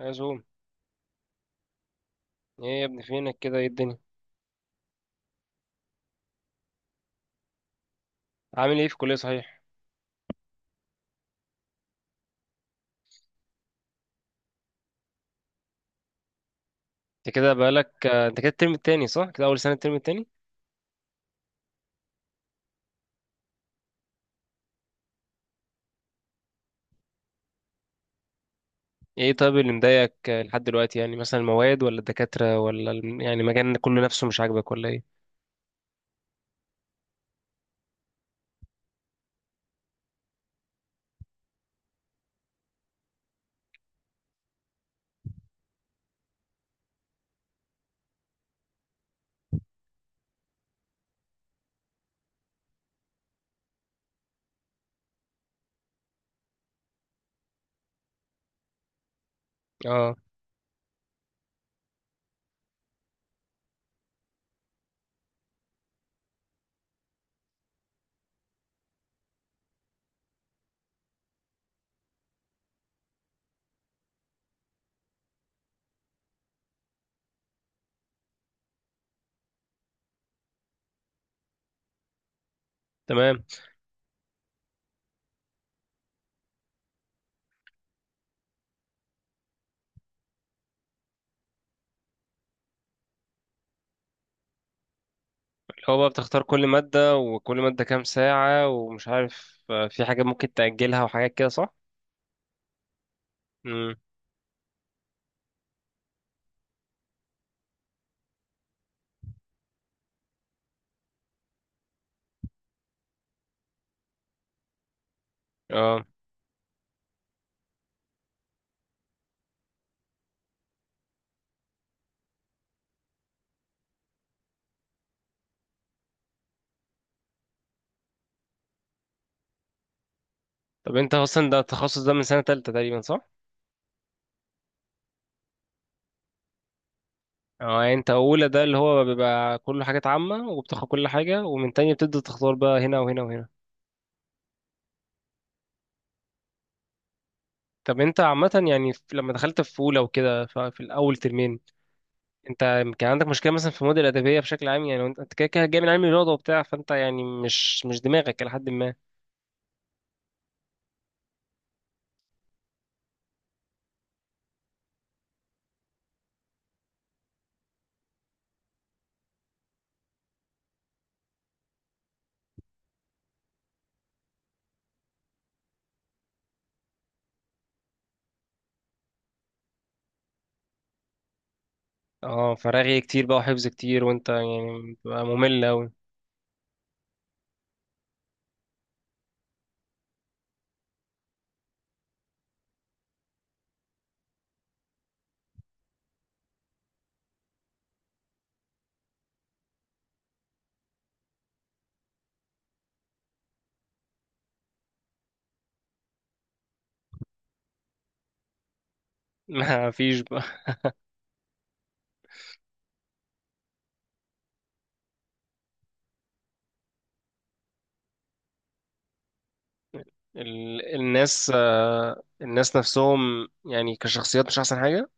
يا زوم، ايه يا ابني فينك كده؟ ايه الدنيا؟ عامل ايه في الكلية صحيح؟ انت كده بقالك انت كده الترم التاني صح؟ كده اول سنة الترم التاني. ايه طيب اللي مضايقك لحد دلوقتي؟ يعني مثلا المواد ولا الدكاترة ولا يعني المجال كله نفسه مش عاجبك ولا ايه؟ اه تمام، اللي هو بقى بتختار كل مادة وكل مادة كام ساعة ومش عارف، في حاجات ممكن تأجلها وحاجات كده صح. امم. اه طب انت اصلا ده التخصص ده من سنة تالتة تقريبا صح؟ اه يعني انت اولى ده اللي هو بيبقى كله حاجات عامة وبتاخد كل حاجة، ومن تانية بتبدأ تختار بقى هنا وهنا وهنا. طب انت عامة يعني لما دخلت في أولى وكده، في الأول ترمين، انت كان عندك مشكلة مثلا في المواد الأدبية بشكل عام؟ يعني انت كده كده جاي من علم الرياضة وبتاع، فانت يعني مش دماغك إلى حد ما. اه فرغي كتير بقى وحفظ كتير، وانت يعني بتبقى ممل أوي. ما فيش بقى. الناس، الناس نفسهم يعني كشخصيات مش أحسن حاجة.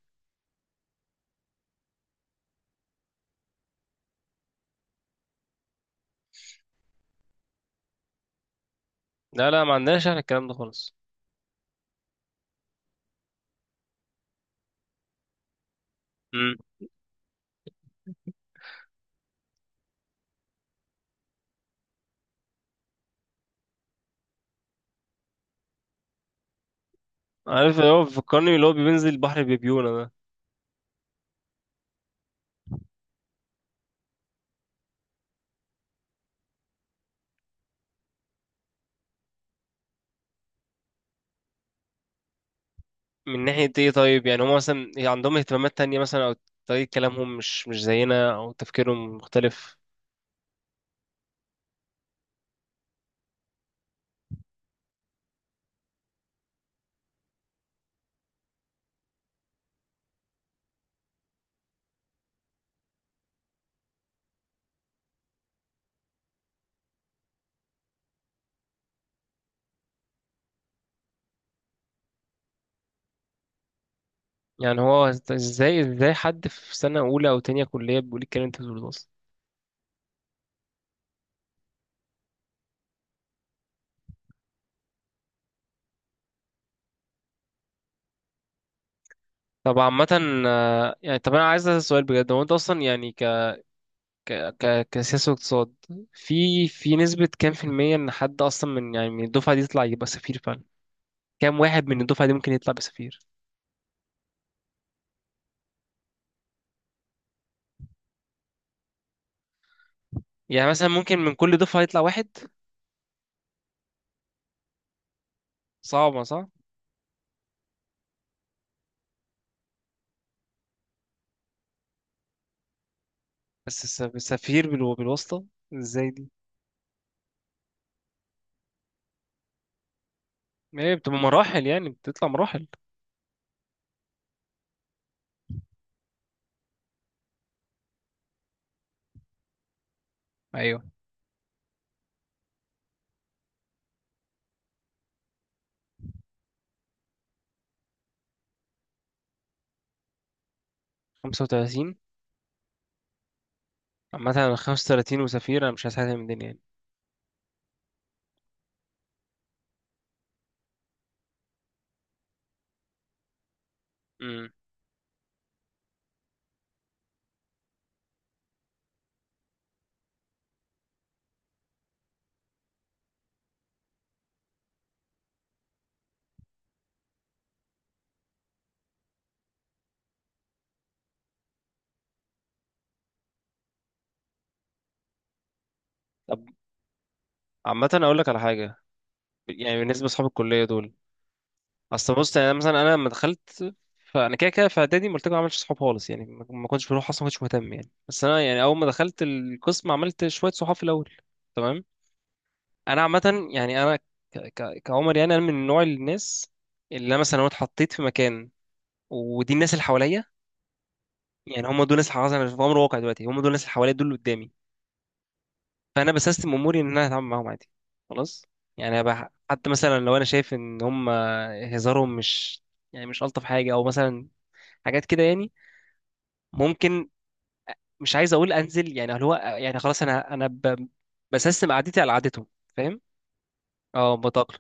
لا لا، ما عندناش احنا الكلام ده خالص. امم. عارف اللي هو بيفكرني اللي هو بينزل البحر بيبيونه ده. من ناحية ايه طيب؟ يعني هم مثلا عندهم اهتمامات تانية مثلا، او طريقة كلامهم مش زينا، او تفكيرهم مختلف؟ يعني هو ازاي حد في سنة أولى أو تانية كلية بيقول الكلام اللي انت بتقوله ده أصلا؟ طب عامة، يعني طب أنا عايز أسأل سؤال بجد، هو أنت أصلا يعني ك ك ك كسياسة واقتصاد، في نسبة كام في المية إن حد أصلا من يعني من الدفعة دي يطلع يبقى سفير فعلا؟ كام واحد من الدفعة دي ممكن يطلع بسفير؟ يعني مثلا ممكن من كل دفعة يطلع واحد؟ صعبة صح. بس السفير بالواسطة ازاي دي؟ ايه بتبقى مراحل؟ يعني بتطلع مراحل. ايوه. 35؟ عامة انا 35 وسفير انا مش عايز حاجة من الدنيا يعني. امم. طب عامة اقول لك على حاجة، يعني بالنسبة لاصحاب الكلية دول، اصل بص يعني أنا مثلا انا لما دخلت، فانا كده كده في اعدادي ما قلت لكم ما عملتش صحاب خالص يعني، ما كنتش بروح اصلا، ما كنتش مهتم يعني، بس انا يعني اول ما دخلت القسم عملت شوية صحاب في الاول. تمام. انا عامة يعني انا كعمر، يعني انا من نوع الناس اللي انا مثلا لو اتحطيت في مكان ودي الناس اللي حواليا، يعني هم دول الناس اللي حصل انا في امر واقع دلوقتي، هم دول الناس اللي حواليا دول اللي قدامي. فانا بسيستم اموري ان انا هتعامل معاهم عادي، خلاص. يعني أبقى حتى مثلا لو انا شايف ان هم هزارهم مش، يعني مش الطف حاجه، او مثلا حاجات كده يعني، ممكن، مش عايز اقول انزل يعني، اللي هو يعني خلاص، بسيستم قعدتي على قعدتهم. فاهم؟ اه بتاقلم.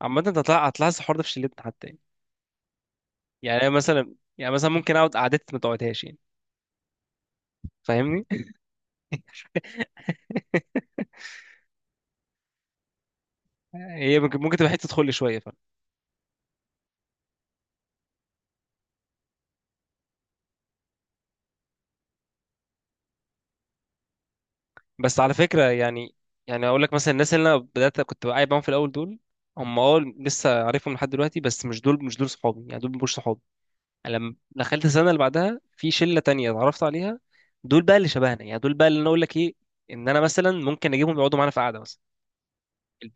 عامه انت هتلاحظ هتلاحظ الحوار ده في شلتنا حتى يعني. يعني أنا مثلا، يعني مثلا ممكن اقعد قعدتي ما تقعدهاش يعني. فاهمني؟ هي ممكن تبقى حته تدخل لي شويه. بس على فكرة يعني، يعني اقول لك مثلا الناس اللي انا بدأت كنت قاعد معاهم في الاول دول، هم اه لسه عارفهم لحد دلوقتي، بس مش دول صحابي يعني، دول مش صحابي. يعني لما دخلت السنة اللي بعدها في شلة تانية اتعرفت عليها، دول بقى اللي شبهنا يعني، دول بقى اللي انا اقول لك ايه، ان انا مثلا ممكن اجيبهم يقعدوا معانا في قعدة مثلا.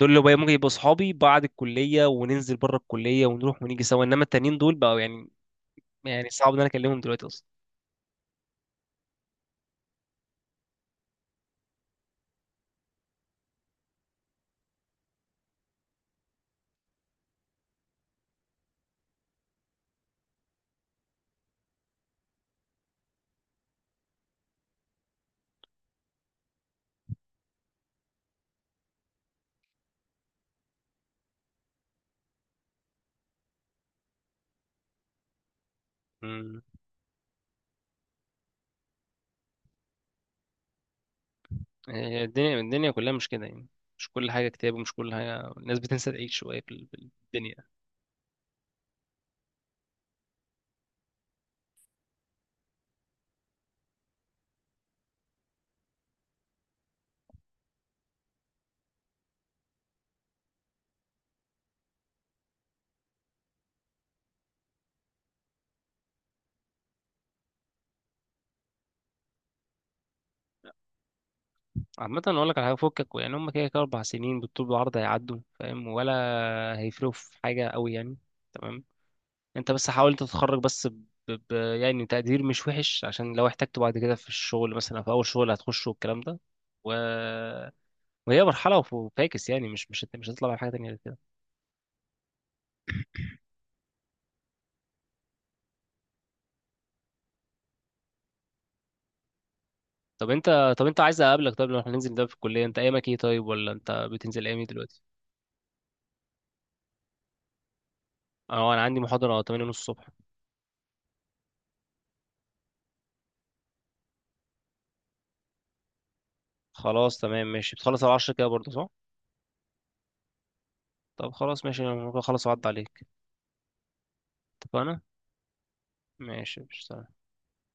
دول اللي بقى ممكن يبقوا صحابي بعد الكلية، وننزل بره الكلية ونروح ونيجي سوا، انما التانيين دول بقوا يعني، يعني صعب ان انا اكلمهم دلوقتي اصلا. هي الدنيا، الدنيا كلها مش كده يعني، مش كل حاجة كتاب، ومش كل حاجة الناس بتنسى تعيش شوية في الدنيا. عامة أقول لك على حاجة، فكك يعني هما كده كده أربع سنين بالطول بالعرض هيعدوا، فاهم؟ ولا هيفرقوا في حاجة أوي يعني. تمام. أنت بس حاول تتخرج، بس يعني تقدير مش وحش، عشان لو احتجته بعد كده في الشغل، مثلا في أول شغل هتخشه والكلام ده. و... وهي مرحلة، وفاكس يعني، مش هتطلع من حاجة تانية غير كده. طب أنت، طب أنت عايز أقابلك طيب، لو احنا ننزل ده في الكلية، أنت أيامك إيه طيب؟ ولا أنت بتنزل أيام إيه دلوقتي؟ اه انا عندي محاضرة 8 ونص الصبح. خلاص تمام ماشي. بتخلص على 10 كده برضه صح؟ طب خلاص ماشي، انا ممكن اخلص واعدي عليك. اتفقنا. ماشي مش